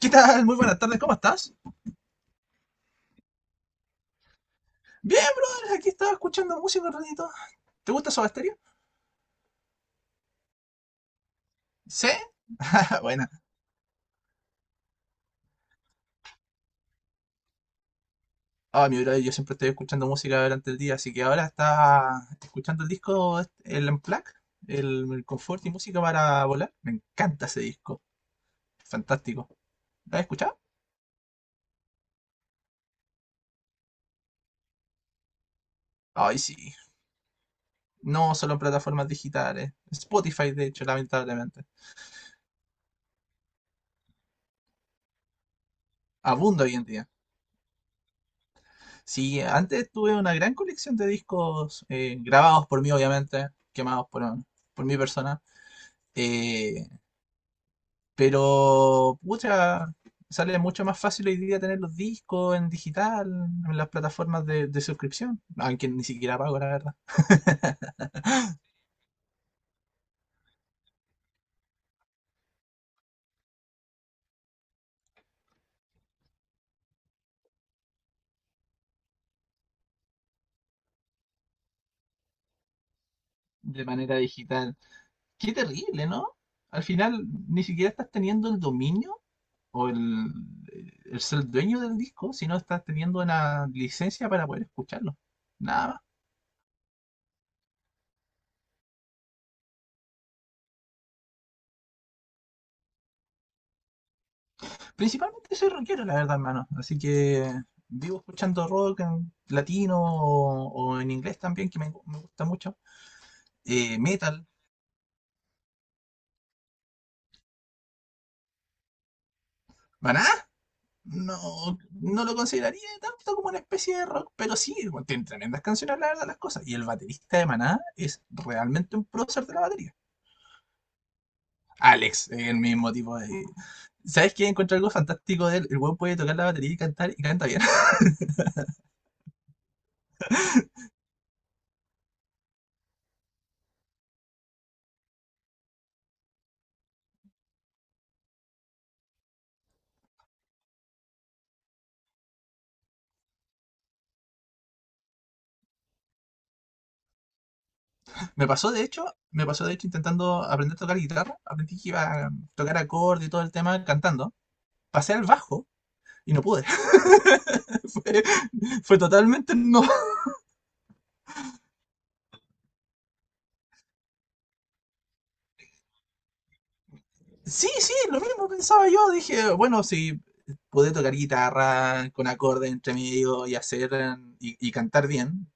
¿Qué tal? Muy buenas tardes, ¿cómo estás? Bien, brother, aquí estaba escuchando música un ratito. ¿Te gusta Soda Stereo? Sí. Buena. Ah, mi brother, yo siempre estoy escuchando música durante el día, así que ahora estaba escuchando el disco, el Unplugged, el Confort y Música para Volar. Me encanta ese disco, fantástico. ¿Lo has escuchado? Ay, sí. No solo en plataformas digitales. Spotify, de hecho, lamentablemente. Abunda hoy en día. Sí, antes tuve una gran colección de discos grabados por mí, obviamente, quemados por mi persona. eh, pero, pucha, sale mucho más fácil hoy día tener los discos en digital, en las plataformas de suscripción, aunque ni siquiera pago, la verdad, de manera digital. Qué terrible, ¿no? Al final, ni siquiera estás teniendo el dominio o el ser dueño del disco, sino estás teniendo una licencia para poder escucharlo. Nada más. Principalmente soy rockero, la verdad, hermano. Así que vivo escuchando rock en latino o en inglés también, que me, me gusta mucho. Metal. ¿Maná? No, no lo consideraría tanto como una especie de rock, pero sí, bueno, tiene tremendas canciones, la verdad, las cosas. Y el baterista de Maná es realmente un prócer de la batería. Alex, el mismo tipo de... ¿Sabes qué? Encuentro algo fantástico de él. El weón puede tocar la batería y cantar y canta bien. Me pasó de hecho, me pasó de hecho intentando aprender a tocar guitarra. Aprendí que iba a tocar acorde y todo el tema cantando. Pasé al bajo y no pude. Fue, fue totalmente no. Sí, sí, lo mismo pensaba yo. Dije, bueno, si pude tocar guitarra con acorde entre medio y hacer y cantar bien,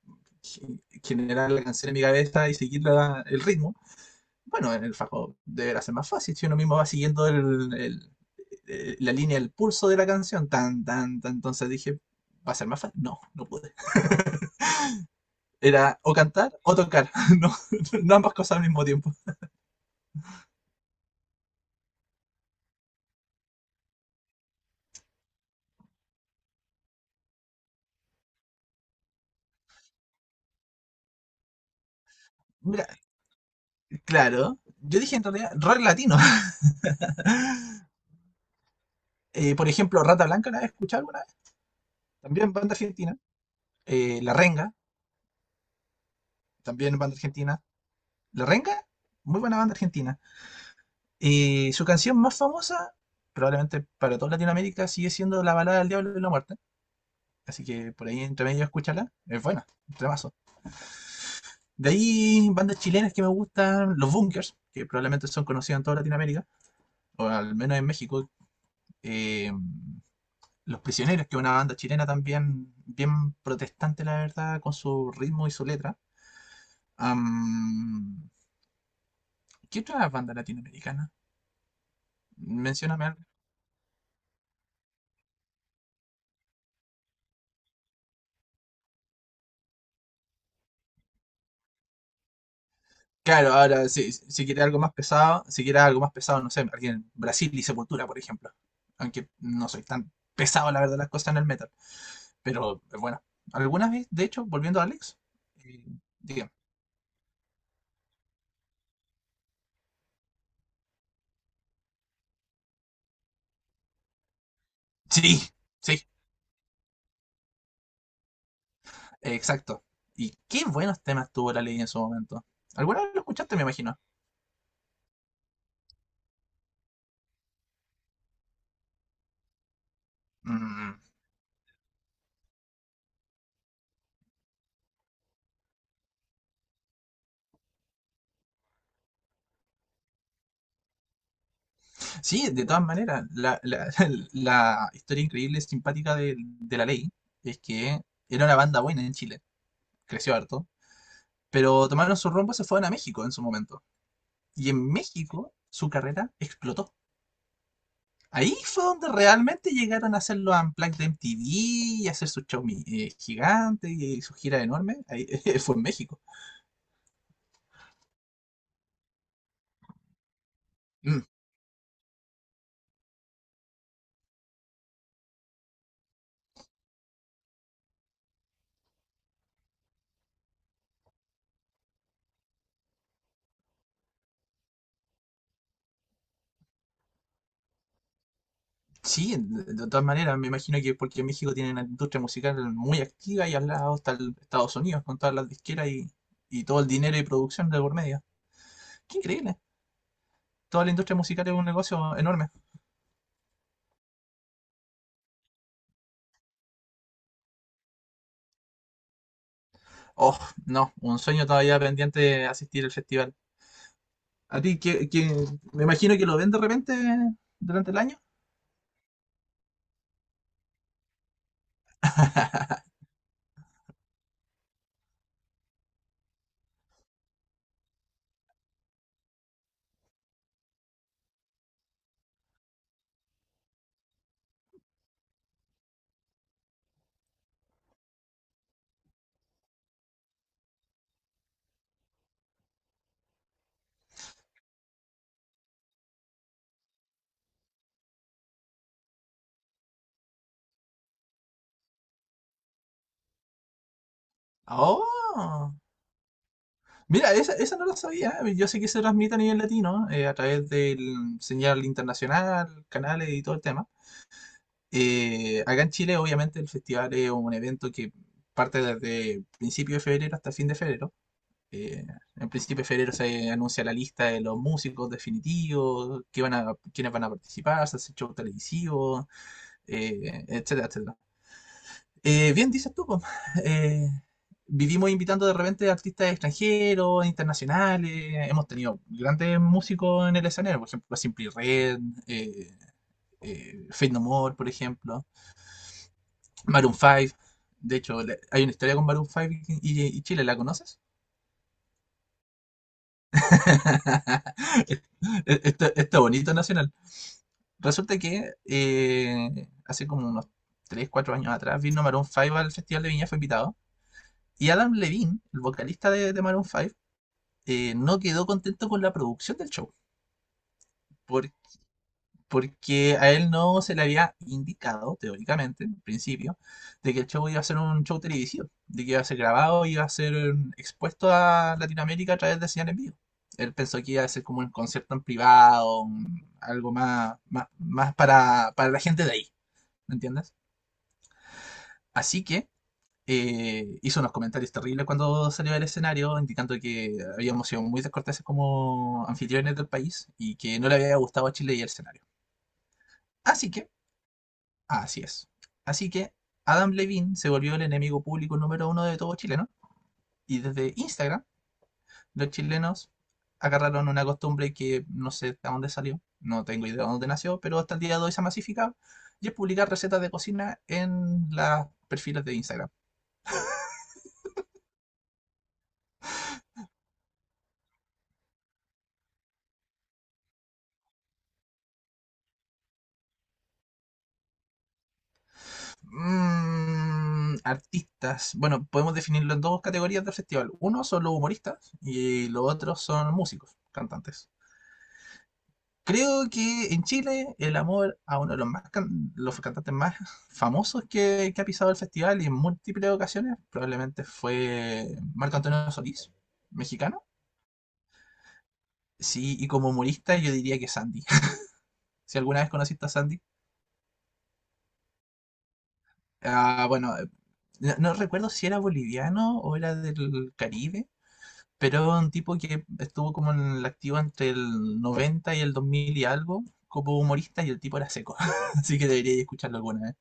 generar la canción en mi cabeza y seguir el ritmo, bueno, en el fajo deberá ser más fácil si uno mismo va siguiendo la línea, el pulso de la canción. Tan, tan, tan. Entonces dije, ¿va a ser más fácil? No, no pude. Era o cantar o tocar. No, no ambas cosas al mismo tiempo. Mira, claro. Yo dije en realidad rock latino. Por ejemplo, Rata Blanca, ¿la has escuchado alguna vez? También banda argentina. La Renga, también banda argentina. La Renga, muy buena banda argentina. Y su canción más famosa, probablemente para toda Latinoamérica, sigue siendo La balada del diablo y la muerte. Así que por ahí entre medio escúchala. Es buena, un tremazo. De ahí, bandas chilenas que me gustan, Los Bunkers, que probablemente son conocidas en toda Latinoamérica, o al menos en México. Eh, Los Prisioneros, que es una banda chilena también bien protestante, la verdad, con su ritmo y su letra. Am, ¿qué otra banda latinoamericana? Mencióname. Claro, ahora si quiere algo más pesado, si quiere algo más pesado, no sé, alguien Brasil y Sepultura, por ejemplo. Aunque no soy tan pesado, la verdad, las cosas en el metal. Pero bueno, algunas veces, de hecho, volviendo a Alex, eh, diga, sí, sí, exacto. Y qué buenos temas tuvo la ley en su momento. ¿Alguna vez lo escuchaste, me imagino? Mm, sí, de todas maneras, la historia increíble y simpática de la ley es que era una banda buena en Chile, creció harto pero tomaron su rumbo y se fueron a México en su momento. Y en México su carrera explotó. Ahí fue donde realmente llegaron a hacer los Unplugged de MTV y hacer su show gigante y su gira enorme. Ahí fue en México. Mm, sí, de todas maneras, me imagino que porque en México tienen una industria musical muy activa y al lado está el Estados Unidos con todas las disqueras y todo el dinero y producción de por medio. Qué increíble. Toda la industria musical es un negocio enorme. Oh, no, un sueño todavía pendiente de asistir al festival. A ti, que me imagino que lo ven de repente durante el año. ¡Oh! Mira, esa no lo sabía. ¿Eh? Yo sé que se transmite a nivel latino a través del señal internacional, canales y todo el tema. Acá en Chile, obviamente, el festival es un evento que parte desde principio de febrero hasta fin de febrero. Eh, en principio de febrero se anuncia la lista de los músicos definitivos, quiénes van a participar, se hace show televisivo, etcétera, etcétera. Bien, dices tú, po. Eh, vivimos invitando de repente artistas extranjeros, internacionales. Hemos tenido grandes músicos en el escenario, por ejemplo, Simply Red, eh, Faith No More, por ejemplo, Maroon 5. De hecho, hay una historia con Maroon 5 y Chile, ¿la conoces? Esto bonito nacional. Resulta que hace como unos 3 4 años atrás vino Maroon 5 al Festival de Viña, fue invitado. Y Adam Levine, el vocalista de Maroon 5, no quedó contento con la producción del show, por- porque a él no se le había indicado, teóricamente, en principio, de que el show iba a ser un show televisivo, de que iba a ser grabado, iba a ser expuesto a Latinoamérica a través de señal en vivo. Él pensó que iba a ser como un concierto en privado, algo más, más, más para la gente de ahí, ¿me entiendes? Así que hizo unos comentarios terribles cuando salió del escenario, indicando que habíamos sido muy descorteses como anfitriones del país y que no le había gustado a Chile y el escenario. Así que, así es. Así que Adam Levine se volvió el enemigo público número uno de todo chileno y desde Instagram los chilenos agarraron una costumbre que no sé de dónde salió, no tengo idea de dónde nació, pero hasta el día de hoy se ha masificado y es publicar recetas de cocina en las perfiles de Instagram. Mm, artistas. Bueno, podemos definirlo en dos categorías del festival. Uno son los humoristas y los otros son músicos, cantantes. Creo que en Chile el amor a uno de los, los cantantes más famosos que ha pisado el festival y en múltiples ocasiones probablemente fue Marco Antonio Solís, mexicano. Sí, y como humorista yo diría que Sandy. Si alguna vez conociste a Sandy. Ah, bueno, no no recuerdo si era boliviano o era del Caribe. Pero es un tipo que estuvo como en el activo entre el 90 y el 2000 y algo, como humorista, y el tipo era seco. Así que deberíais escucharlo alguna vez.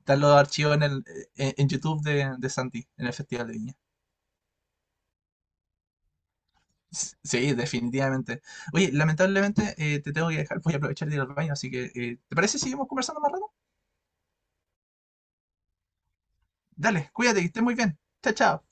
Están los archivos en YouTube de Santi, en el Festival de Viña. Sí, definitivamente. Oye, lamentablemente te tengo que dejar, voy a aprovechar de ir al baño, así que ¿te parece si seguimos conversando más rato? Dale, cuídate, que estés muy bien. Chao, chao.